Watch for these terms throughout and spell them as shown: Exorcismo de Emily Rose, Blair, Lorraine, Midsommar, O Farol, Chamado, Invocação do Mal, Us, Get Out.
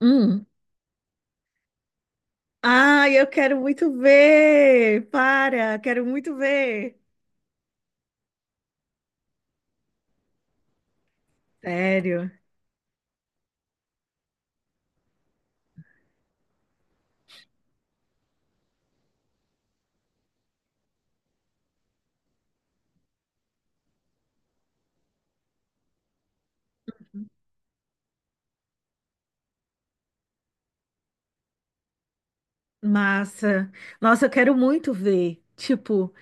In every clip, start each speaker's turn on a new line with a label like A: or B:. A: Hum. Ai, eu quero muito ver! Para, quero muito ver! Sério, massa. Nossa, eu quero muito ver. Tipo,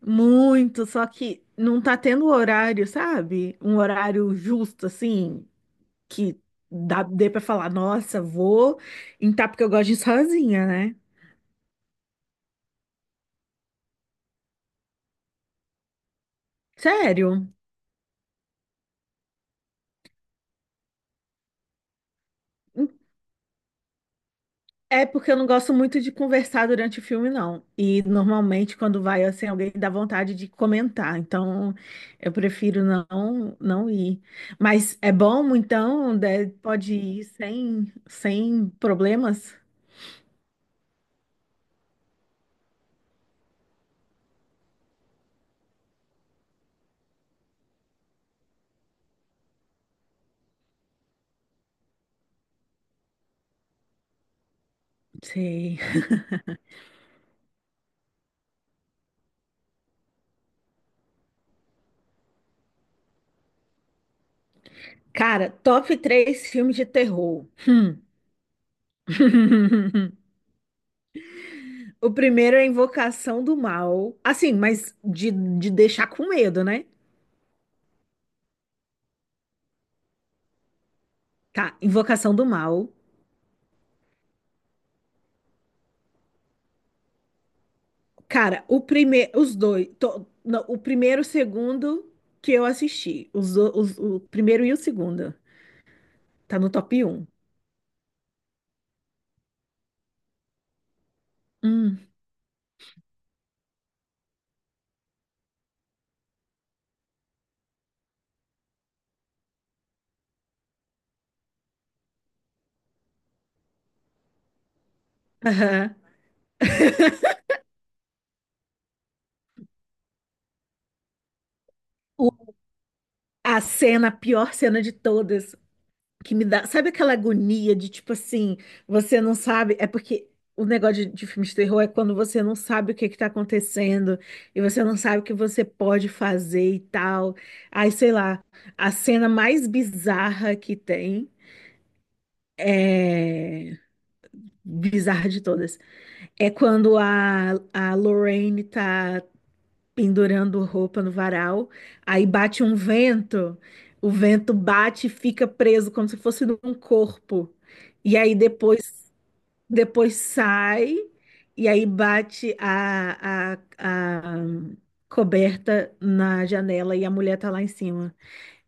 A: muito, só que não tá tendo horário, sabe? Um horário justo, assim, que dá, dê pra falar, nossa, vou entrar porque eu gosto de ir sozinha, né? Sério. É porque eu não gosto muito de conversar durante o filme, não. E normalmente quando vai assim, alguém dá vontade de comentar. Então eu prefiro não ir. Mas é bom, então, pode ir sem problemas. Sei. Cara, top três filmes de terror. O primeiro é Invocação do Mal. Assim, mas de deixar com medo, né? Tá, Invocação do Mal. Cara, o primeiro, os dois, não, o primeiro e o segundo que eu assisti, o primeiro e o segundo, tá no top um. Hum, aham. O- a cena, a pior cena de todas, que me dá, sabe aquela agonia de tipo assim, você não sabe, é porque o negócio de filme de terror é quando você não sabe o que é que tá acontecendo e você não sabe o que você pode fazer e tal. Aí, sei lá, a cena mais bizarra que tem é bizarra de todas. É quando a Lorraine tá pendurando roupa no varal, aí bate um vento, o vento bate e fica preso como se fosse num corpo. E aí depois sai, e aí bate a coberta na janela e a mulher tá lá em cima.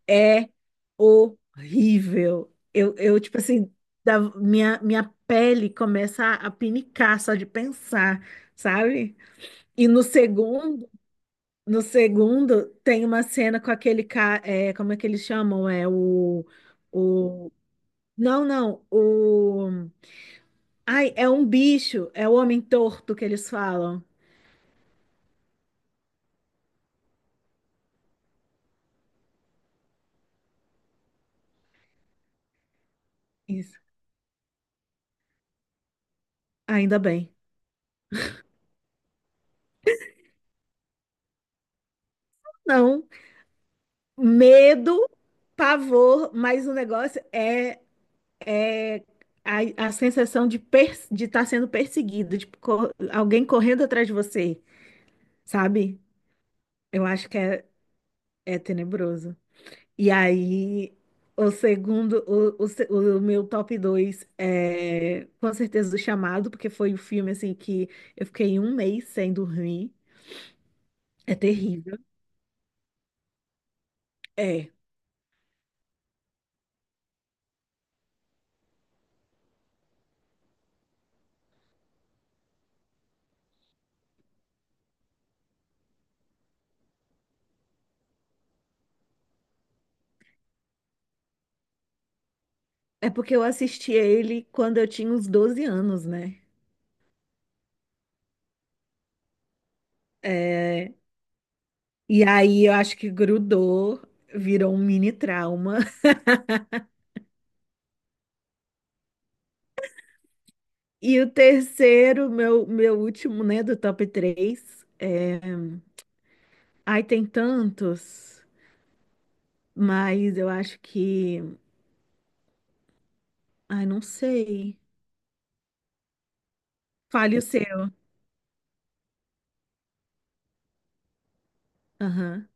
A: É horrível. Eu tipo assim, minha pele começa a pinicar só de pensar, sabe? E no segundo tem uma cena com aquele cara, como é que eles chamam? É o, não, não, ai, é um bicho, é o homem torto que eles falam. Isso. Ainda bem. Não, medo, pavor, mas o negócio é a sensação de de estar sendo perseguido, alguém correndo atrás de você, sabe? Eu acho que é tenebroso. E aí, o segundo, o, se- o meu top 2 é com certeza o Chamado, porque foi o filme assim que eu fiquei um mês sem dormir. É terrível. É. É porque eu assisti ele quando eu tinha uns 12 anos, né? É, e aí eu acho que grudou, virou um mini trauma. E o terceiro, meu último, né, do top 3 é... Ai, tem tantos, mas eu acho que... Ai, não sei. Fale o seu. Aham.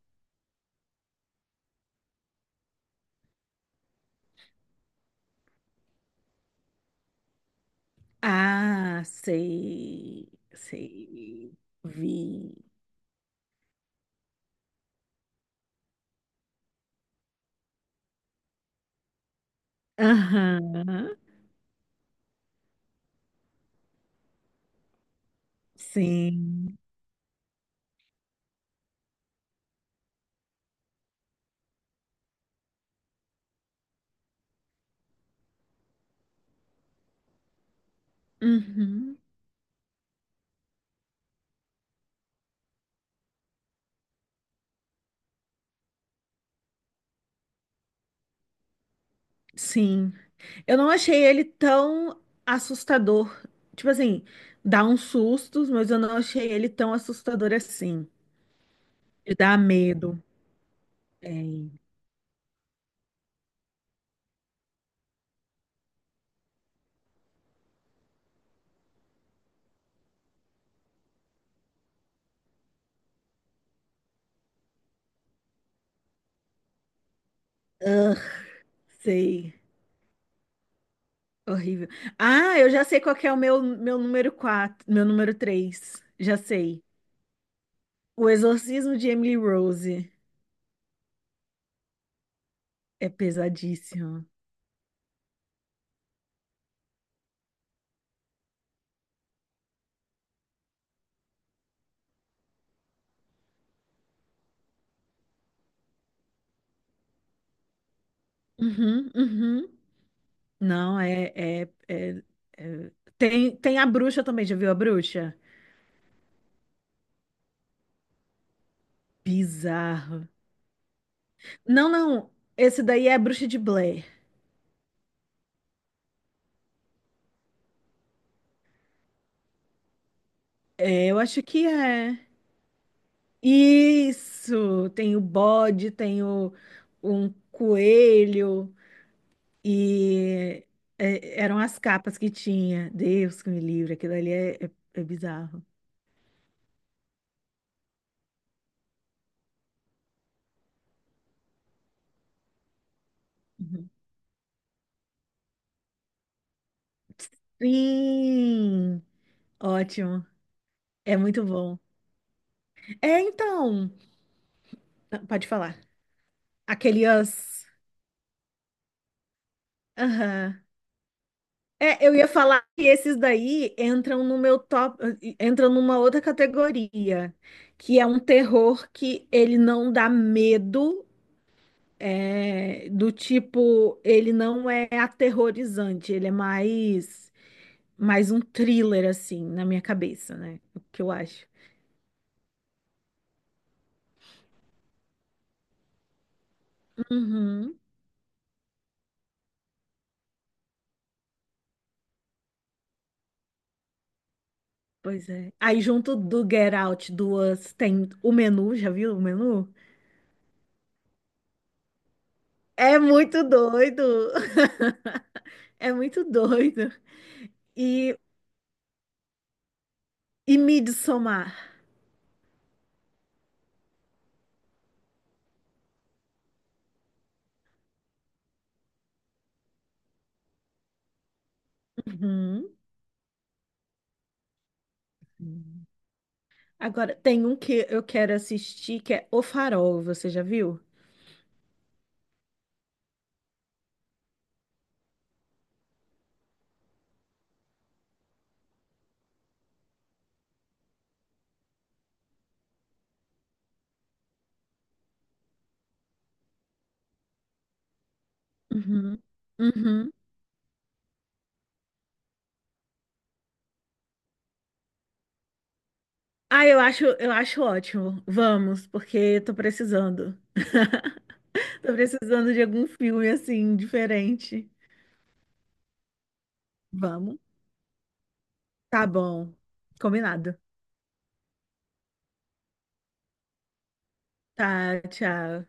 A: Ah, sei, sei, vi. Aham, sim. Uhum, sim. Eu não achei ele tão assustador. Tipo assim, dá uns sustos, mas eu não achei ele tão assustador assim. De dar medo. É. Ah, sei. Horrível. Ah, eu já sei qual que é o meu, meu número 3. Já sei. O Exorcismo de Emily Rose é pesadíssimo. Uhum, uhum. Não, é- é- tem a bruxa também, já viu a bruxa? Bizarro. Não, não. Esse daí é a bruxa de Blair. É, eu acho que é. Isso! Tem o bode, tem um coelho. E eram as capas que tinha. Deus que me livre, aquilo ali é bizarro. Uhum. Sim, ótimo. É muito bom. É, então, não, pode falar. Aqueles. Aham. É, eu ia falar que esses daí entram no meu top, entram numa outra categoria, que é um terror que ele não dá medo, do tipo, ele não é aterrorizante, ele é mais um thriller, assim, na minha cabeça, né? O que eu acho. Uhum, pois é. Aí, junto do Get Out, do Us, tem o menu, já viu o menu? É muito doido! É muito doido. E, e Midsommar. Uhum. Agora, tem um que eu quero assistir, que é O Farol, você já viu? Uhum. Uhum. Ah, eu acho ótimo. Vamos, porque tô precisando. Tô precisando de algum filme assim, diferente. Vamos. Tá bom. Combinado. Tá, tchau.